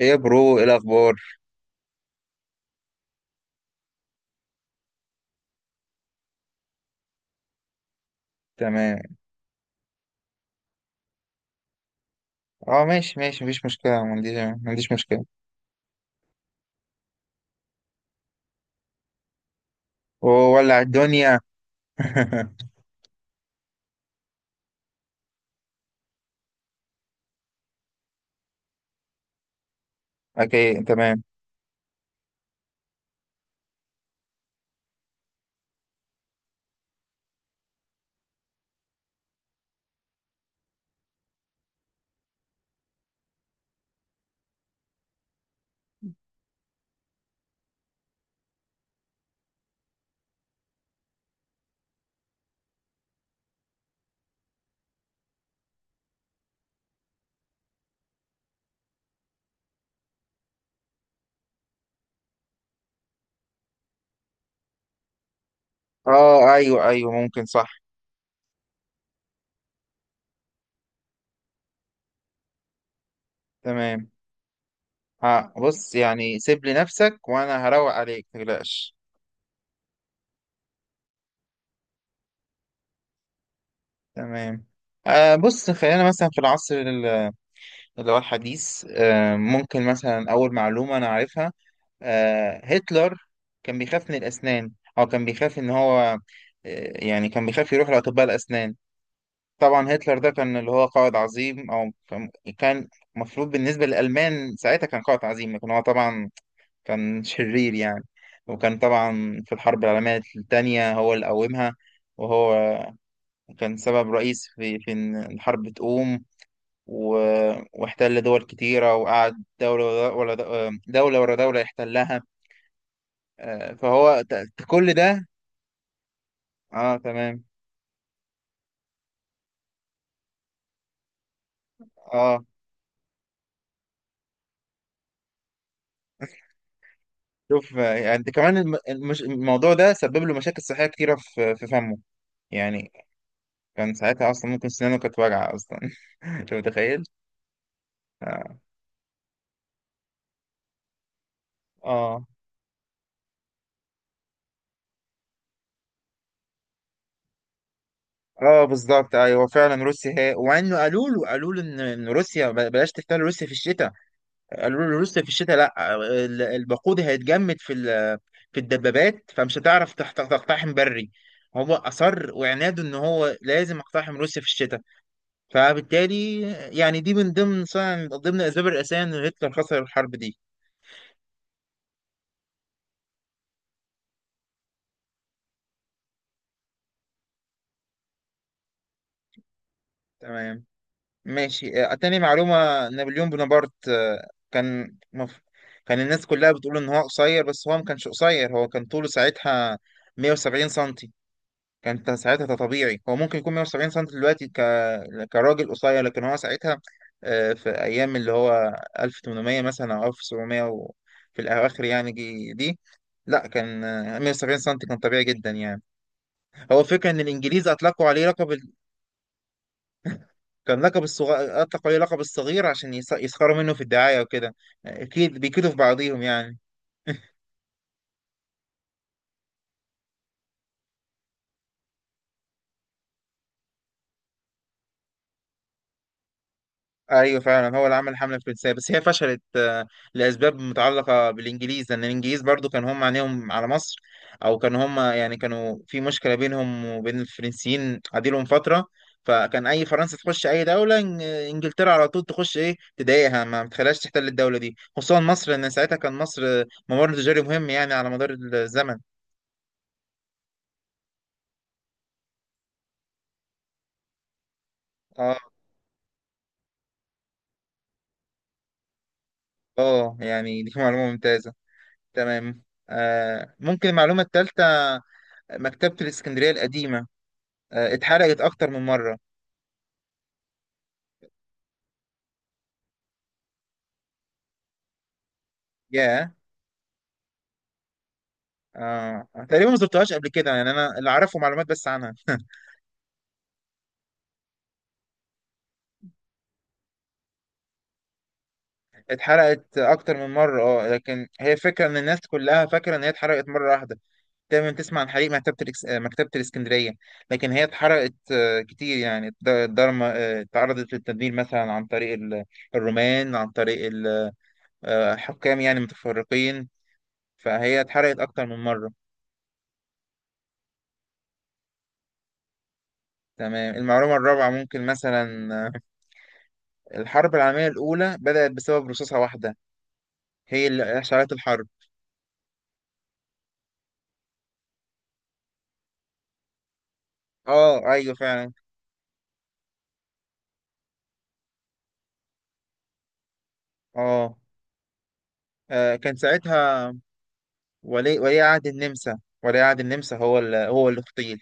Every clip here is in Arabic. ايه يا برو، ايه الاخبار؟ تمام. اه ماشي ماشي، مفيش مشكله. ما عنديش مشكله. وولع الدنيا. اوكي تمام. اه ايوه ايوه، ممكن صح. تمام. بص، يعني سيب لي نفسك وانا هروق عليك، متقلقش. تمام. بص، خلينا مثلا في العصر اللي هو الحديث. ممكن مثلا اول معلومه انا عارفها. هتلر كان بيخاف من الاسنان، او كان بيخاف ان هو يعني كان بيخاف يروح لاطباء الاسنان. طبعا هتلر ده كان اللي هو قائد عظيم، او كان. كان مفروض بالنسبه للالمان ساعتها كان قائد عظيم، لكن هو طبعا كان شرير يعني. وكان طبعا في الحرب العالميه الثانيه هو اللي قومها، وهو كان سبب رئيسي في ان الحرب تقوم. و... واحتل دول كتيره، وقعد دوله ورا دوله ورا دوله يحتلها. كل ده. اه تمام. اه، شوف. يعني كمان الموضوع ده سبب له مشاكل صحيه كتيره في فمه يعني. كان ساعتها اصلا ممكن سنانه كانت واجعه اصلا. انت متخيل؟ اه اه. بالظبط ايوه فعلا روسيا هي. وانه قالوا له إن روسيا بلاش تحتل روسيا في الشتاء. قالوا له روسيا في الشتاء لا الوقود هيتجمد في في الدبابات، فمش هتعرف تقتحم بري. هو اصر وعناده ان هو لازم اقتحم روسيا في الشتاء، فبالتالي يعني دي من ضمن الاسباب الرئيسيه ان هتلر خسر الحرب دي. تمام ماشي. تاني معلومة: نابليون بونابرت. كان الناس كلها بتقول إن هو قصير، بس هو ما كانش قصير، هو كان طوله ساعتها 170 سنتي. ساعتها ده طبيعي، هو ممكن يكون 170 سنتي دلوقتي كراجل قصير، لكن هو ساعتها في أيام اللي هو 1800 مثلا، أو 1700 في الأواخر يعني، دي لا، كان 170 سنتي كان طبيعي جدا يعني. هو فكرة إن الإنجليز أطلقوا عليه لقب، كان لقب الصغير، أطلقوا عليه لقب الصغير عشان يسخروا منه في الدعاية وكده، أكيد بيكيدوا في بعضيهم يعني. أيوه فعلا هو اللي عمل الحملة الفرنسية، بس هي فشلت لأسباب متعلقة بالإنجليز، لأن الإنجليز برضو كان هم عينيهم على مصر. أو كان هم يعني كانوا في مشكلة بينهم وبين الفرنسيين عديلهم فترة. فكان أي فرنسا تخش أي دولة، إنجلترا على طول تخش، إيه، تضايقها، ما بتخليهاش تحتل الدولة دي، خصوصا مصر، لأن ساعتها كان مصر ممر تجاري مهم يعني على مدار الزمن. اه اه، يعني دي معلومة ممتازة. تمام. ممكن المعلومة الثالثة: مكتبة الإسكندرية القديمة اتحرقت أكتر من مرة. ياه. تقريبا ما زرتهاش قبل كده يعني، أنا اللي أعرفه معلومات بس عنها. اتحرقت أكتر من مرة اه، لكن هي فكرة إن الناس كلها فاكرة إن هي اتحرقت مرة واحدة. دايما تسمع عن حريق مكتبة الإكس... آه، مكتبة الإسكندرية، لكن هي اتحرقت كتير يعني. الضرمة تعرضت للتدمير مثلا عن طريق الرومان، عن طريق حكام يعني متفرقين. فهي اتحرقت أكتر من مرة. تمام. المعلومة الرابعة ممكن مثلا الحرب العالمية الأولى بدأت بسبب رصاصة واحدة، هي اللي أشعلت الحرب. اه أيوه فعلا. اه، كان ساعتها ولي عهد النمسا، هو اللي اغتيل.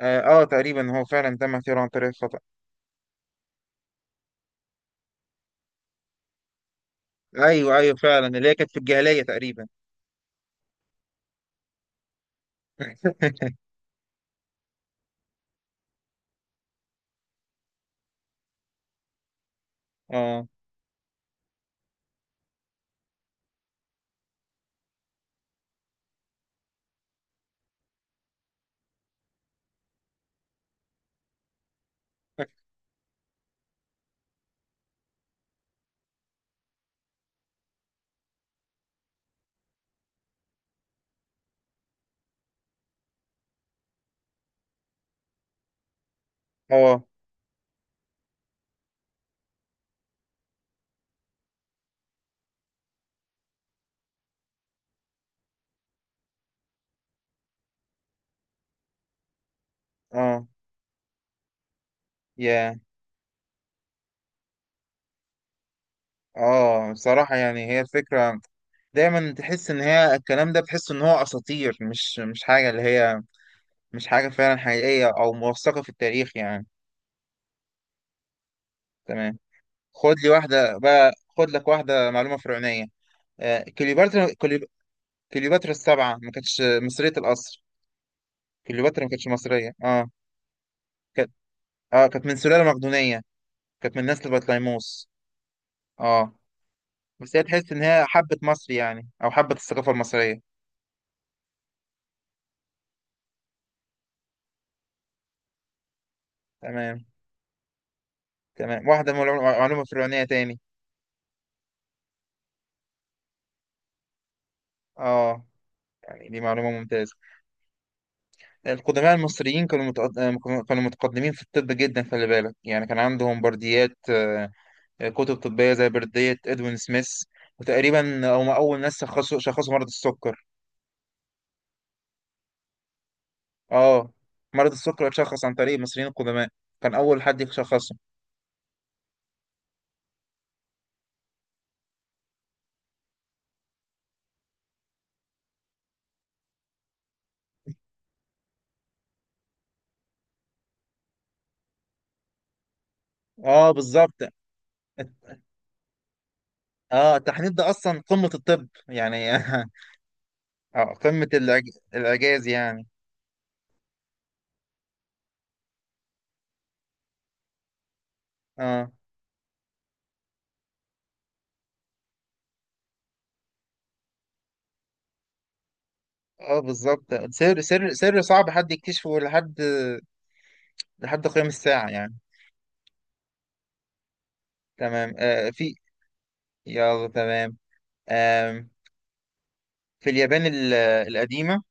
اه، تقريبا هو فعلا تم اغتياله عن طريق الخطأ. ايوه ايوه فعلا، اللي هي كانت في الجاهلية تقريبا. اه اه اه، يا اه، بصراحة يعني هي الفكرة دايما تحس ان هي الكلام ده، بتحس ان هو اساطير. مش حاجه فعلا حقيقيه او موثقه في التاريخ يعني. تمام. خد لي واحده بقى، خد لك واحده معلومه فرعونيه. آه، كليوباترا كليو- كليوباترا السبعه ما كانتش مصريه الاصل. كليوباترا ما كانتش مصريه، اه. كانت اه كانت من سلاله مقدونيه، كانت من نسل بطليموس. اه، بس هي تحس ان هي حبه مصر يعني او حبه الثقافه المصريه. تمام. تمام، واحده معلومة فرعونيه تاني. اه يعني دي معلومه ممتازه. القدماء المصريين كانوا كانوا متقدمين في الطب جدا. خلي بالك يعني كان عندهم برديات كتب طبية زي بردية ادوين سميث، وتقريبا هم أول ناس شخصوا مرض السكر. اه، مرض السكر اتشخص عن طريق المصريين القدماء، كان أول حد يشخصه. اه بالظبط. الت- اه التحنيط ده أصلا قمة الطب يعني. اه، قمة الإعجاز يعني. اه اه بالظبط. سر صعب حد يكتشفه، لحد قيام الساعة يعني. تمام. آه في يلا تمام. آم، في اليابان القديمة،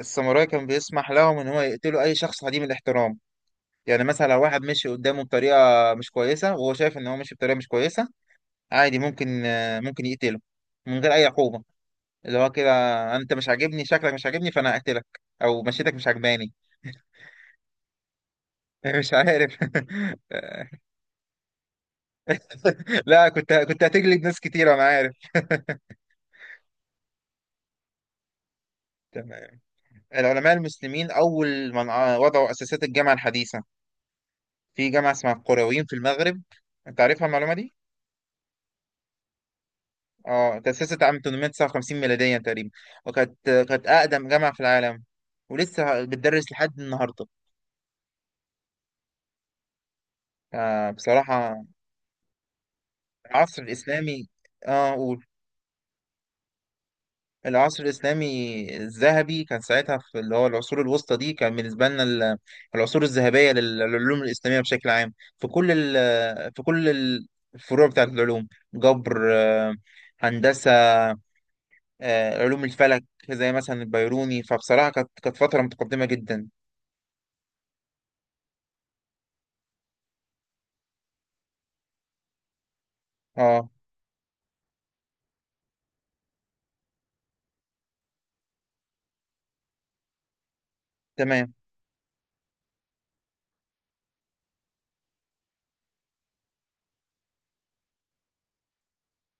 الساموراي كان بيسمح لهم إن هو يقتلوا أي شخص عديم الاحترام. يعني مثلا لو واحد مشي قدامه بطريقة مش كويسة، وهو شايف إن هو مشي بطريقة مش كويسة، عادي ممكن يقتله من غير أي عقوبة. اللي هو كده: أنت مش عاجبني، شكلك مش عاجبني، فأنا هقتلك، أو مشيتك مش عجباني. مش عارف. لا، كنت هتجلد ناس كتير أنا عارف. تمام. العلماء المسلمين أول من وضعوا أساسات الجامعة الحديثة، في جامعة اسمها القرويين في المغرب. انت عارفها المعلومة دي؟ اه. تأسست عام 859 ميلاديا تقريبا، كانت أقدم جامعة في العالم، ولسه بتدرس لحد النهاردة. بصراحة، العصر الإسلامي. اه قول. العصر الإسلامي الذهبي كان ساعتها في اللي هو العصور الوسطى دي، كان بالنسبة لنا العصور الذهبية للعلوم الإسلامية بشكل عام، في كل ال- في كل الفروع بتاعت العلوم: جبر، هندسة، علوم الفلك، زي مثلا البيروني. فبصراحة كانت فترة متقدمة جدا. اه تمام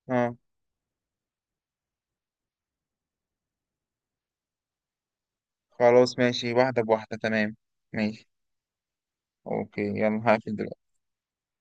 اه. خلاص ماشي، واحدة بواحدة. تمام ماشي. اوكي، يلا هقفل دلوقتي.